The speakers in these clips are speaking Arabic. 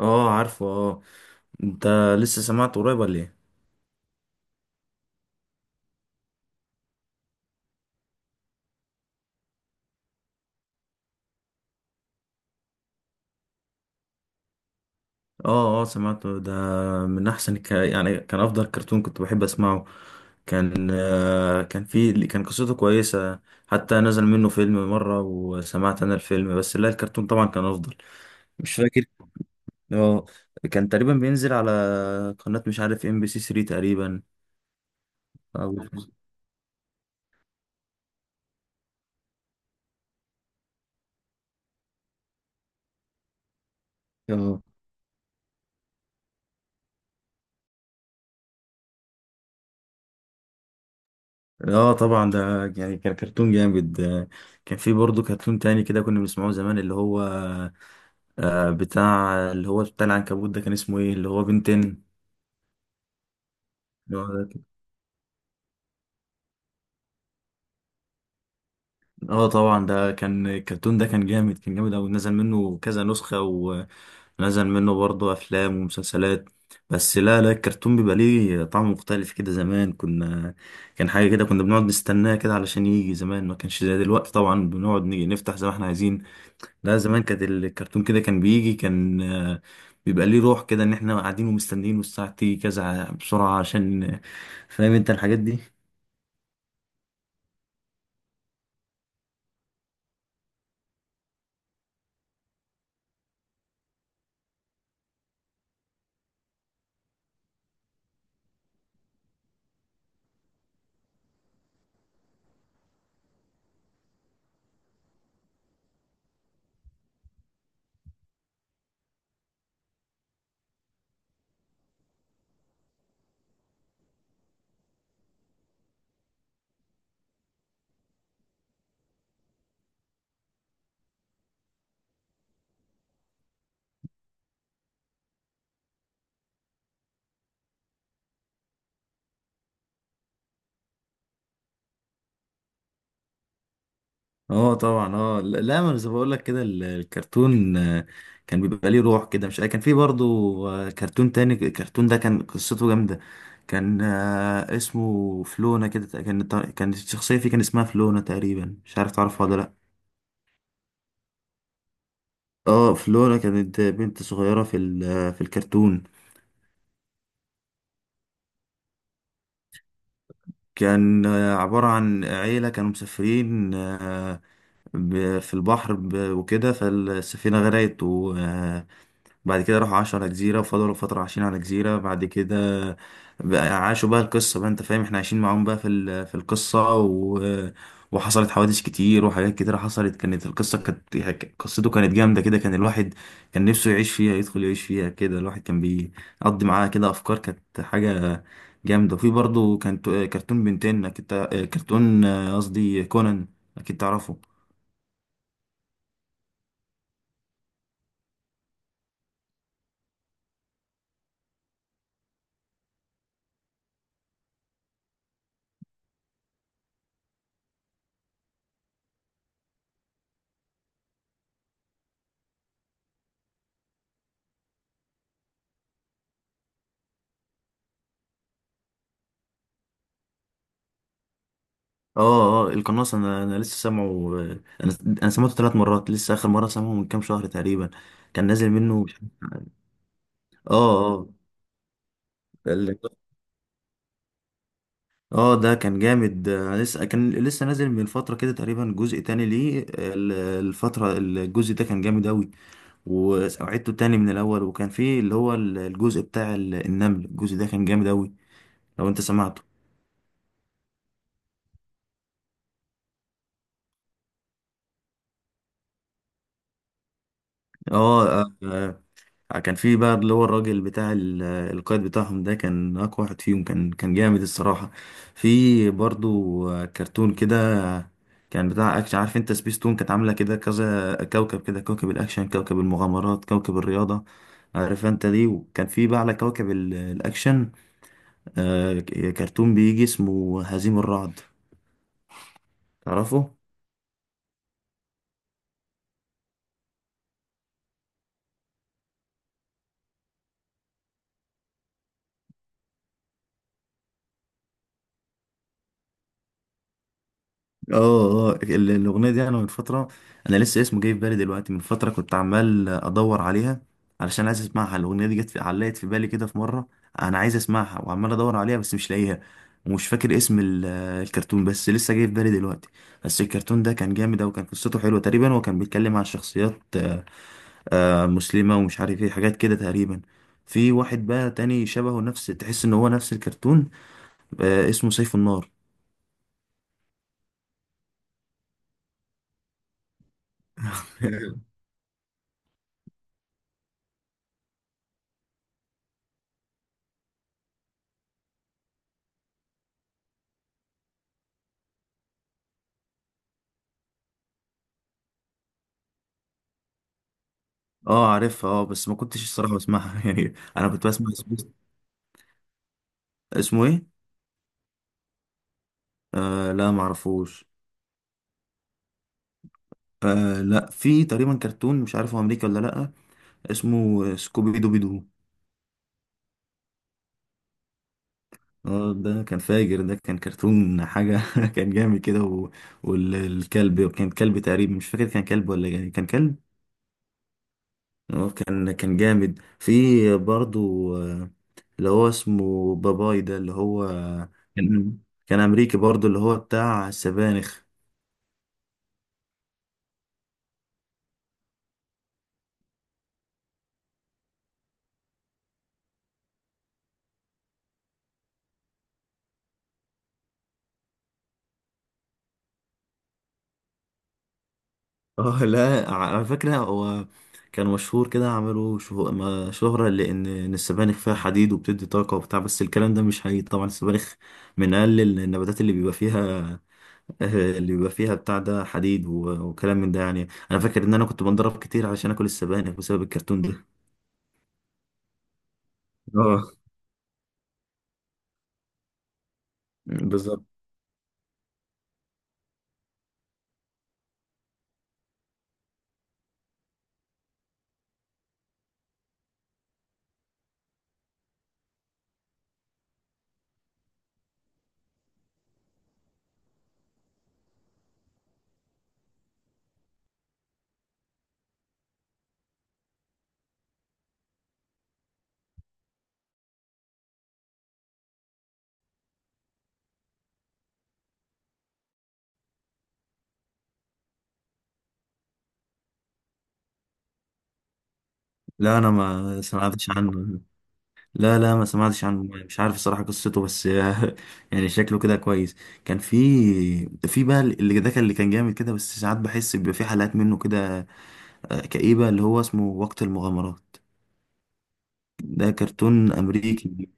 اه، عارفه، اه. انت لسه سمعته قريب ولا ايه؟ اه، اه، سمعته ده. من يعني كان افضل كرتون كنت بحب اسمعه. كان آه كان في كان قصته كويسة. حتى نزل منه فيلم مرة وسمعت انا الفيلم، بس لا، الكرتون طبعا كان افضل. مش فاكر. اه، كان تقريبا بينزل على قناة، مش عارف، ام بي سي 3 تقريبا، او اه اه طبعا ده، يعني كان كرتون جامد. كان في برضه كرتون تاني كده كنا بنسمعه زمان، اللي هو بتاع، اللي هو بتاع العنكبوت ده، كان اسمه ايه؟ اللي هو بنتين. اللي هو ده كان- اه، طبعا، ده كان الكرتون، ده كان جامد، كان جامد اوي، نزل منه كذا نسخة، ونزل منه برضه افلام ومسلسلات. بس لا لا، الكرتون بيبقى ليه طعم مختلف كده. زمان كنا، كان حاجة كده، كنا بنقعد نستناه كده علشان يجي. زمان ما كانش زي دلوقتي طبعا بنقعد نيجي نفتح زي ما احنا عايزين. لا، زمان كانت الكرتون كده كان بيجي، كان آه، بيبقى ليه روح كده، ان احنا قاعدين ومستنيين والساعة تيجي كذا، بسرعة عشان فاهم انت الحاجات دي؟ اه طبعا، اه، لا لا، ما انا زي ما بقول لك كده الكرتون، كان بيبقى ليه روح كده. مش كان في برضو كرتون تاني، الكرتون ده كان قصته جامدة. كان آه، اسمه فلونة كده، كان الشخصية فيه كان اسمها فلونة تقريبا، مش عارف تعرفها ولا لا؟ اه، فلورا كانت بنت صغيرة في الكرتون. كان آه، عبارة عن عيلة كانوا مسافرين، في البحر، وكده، فالسفينة غرقت و آه، بعد كده راحوا عاشوا على جزيرة، وفضلوا فترة عايشين على جزيرة. بعد كده بقى عاشوا بقى، القصة بقى انت فاهم، احنا عايشين معاهم بقى في القصة، وحصلت حوادث كتير وحاجات كتيرة حصلت. كانت القصة كانت قصته كانت جامدة كده، كان الواحد كان نفسه يعيش فيها، يدخل يعيش فيها كده، الواحد كان بيقضي معاها كده أفكار. كانت حاجة جامدة. وفي برضه كان كرتون بنتين، أكيد كرتون، قصدي كونان، أكيد تعرفه. اه، اه، القناص، انا لسه سامعه. آه، انا انا سمعته 3 مرات، لسه اخر مره سامعه من كام شهر تقريبا. كان نازل منه، مش عارف- اه، اه، ال- اه ده كان جامد. انا لسه، كان لسه نازل من فتره كده تقريبا، جزء تاني ليه. آه، ال- الفتره الجزء ده كان جامد اوي، وعدته تاني من الاول، وكان فيه اللي هو الجزء بتاع النمل، الجزء ده كان جامد اوي لو انت سمعته. اه، كان في بقى اللي هو الراجل بتاع القائد بتاعهم، ده كان اقوى واحد فيهم، كان جامد الصراحة. في برضو كرتون كده كان بتاع اكشن. عارف انت سبيستون؟ كانت عاملة كده كذا كوكب، كده كوكب الاكشن، كوكب المغامرات، كوكب الرياضة، عارف انت دي. وكان في بقى على كوكب الاكشن، آه، كرتون بيجي اسمه هزيم الرعد، تعرفه؟ اه، اه، الاغنيه دي انا من فتره، انا لسه اسمه جاي في بالي دلوقتي. من فتره كنت عمال ادور عليها علشان عايز اسمعها، الاغنيه دي جت في، علقت في بالي كده في مره. انا عايز اسمعها وعمال ادور عليها بس مش لاقيها. ومش فاكر اسم الكرتون، بس لسه جاي في بالي دلوقتي. بس الكرتون ده كان جامد أوي، وكان قصته حلوه تقريبا، وكان بيتكلم عن شخصيات مسلمه، ومش عارف ايه، حاجات كده تقريبا. في واحد بقى تاني شبهه، نفس، تحس ان هو نفس الكرتون، اسمه سيف النار. اه عارفها، اه، بس ما كنتش الصراحة بسمعها. يعني انا كنت بسمع اسمه. اسمه ايه؟ آه لا، ما اعرفوش. آه لا، في تقريبا كرتون مش عارف هو امريكي ولا لا، اسمه سكوبي دوبي دو. اه، ده كان فاجر، ده كان كرتون حاجة. كان جامد كده والكلب كان كلب تقريبا، مش فاكر كان كلب ولا، يعني كان كلب. اه، كان جامد. في برضو اللي هو اسمه باباي ده، اللي هو كان كان امريكي برضو، اللي هو بتاع السبانخ. اه لا، على فكرة هو كان مشهور كده، عملوا شهرة، لأن إن السبانخ فيها حديد وبتدي طاقة وبتاع، بس الكلام ده مش حقيقي طبعا. السبانخ من أقل النباتات اللي بيبقى فيها. اللي بيبقى فيها بتاع ده حديد وكلام من ده. يعني أنا فاكر إن أنا كنت بنضرب كتير علشان آكل السبانخ بسبب الكرتون ده. اه بالظبط. لا، أنا ما سمعتش عنه. لا لا، ما سمعتش عنه، مش عارف الصراحة قصته، بس يعني شكله كده كويس. كان في، في بقى اللي ده كان، اللي كان جامد كده، بس ساعات بحس بيبقى في حلقات منه كده كئيبة، اللي هو اسمه وقت المغامرات. ده كرتون أمريكي،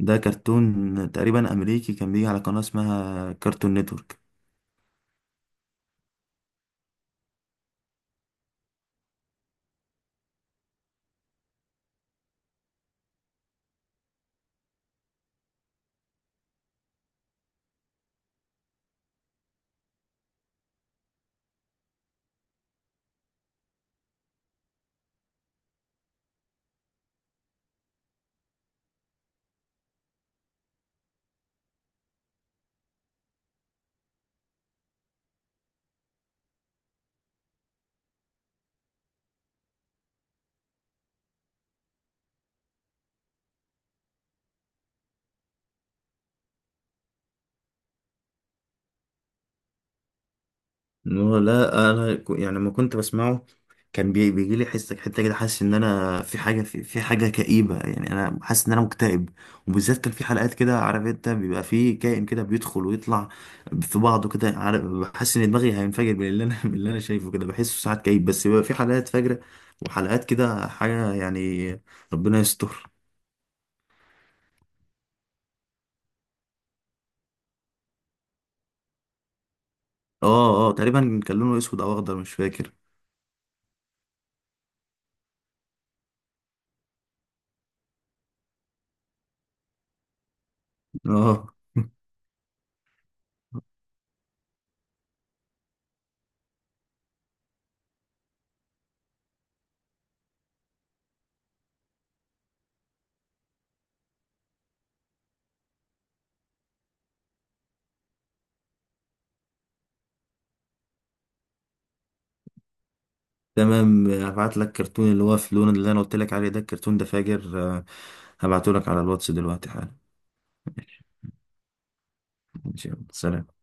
ده كرتون تقريبا أمريكي كان بيجي على قناة اسمها كارتون نتورك. هو لا، يعني لما كنت بسمعه كان بيجي لي حس حته كده، حاسس ان انا في حاجه، في حاجه كئيبه، يعني انا حاسس ان انا مكتئب. وبالذات كان في حلقات كده، عارف انت، بيبقى في كائن كده بيدخل ويطلع في بعضه كده، عارف، بحس ان دماغي هينفجر من اللي انا من اللي انا شايفه كده، بحسه ساعات كئيب. بس بيبقى في حلقات فجره، وحلقات كده حاجه، يعني ربنا يستر. اه، اه، تقريبا كان لونه اسود او اخضر، مش فاكر. اه تمام، هبعت لك كرتون اللي هو في لون اللي انا قلت لك عليه ده، الكرتون ده فاجر. هبعته لك على الواتس دلوقتي حالا. ماشي يلا، سلام.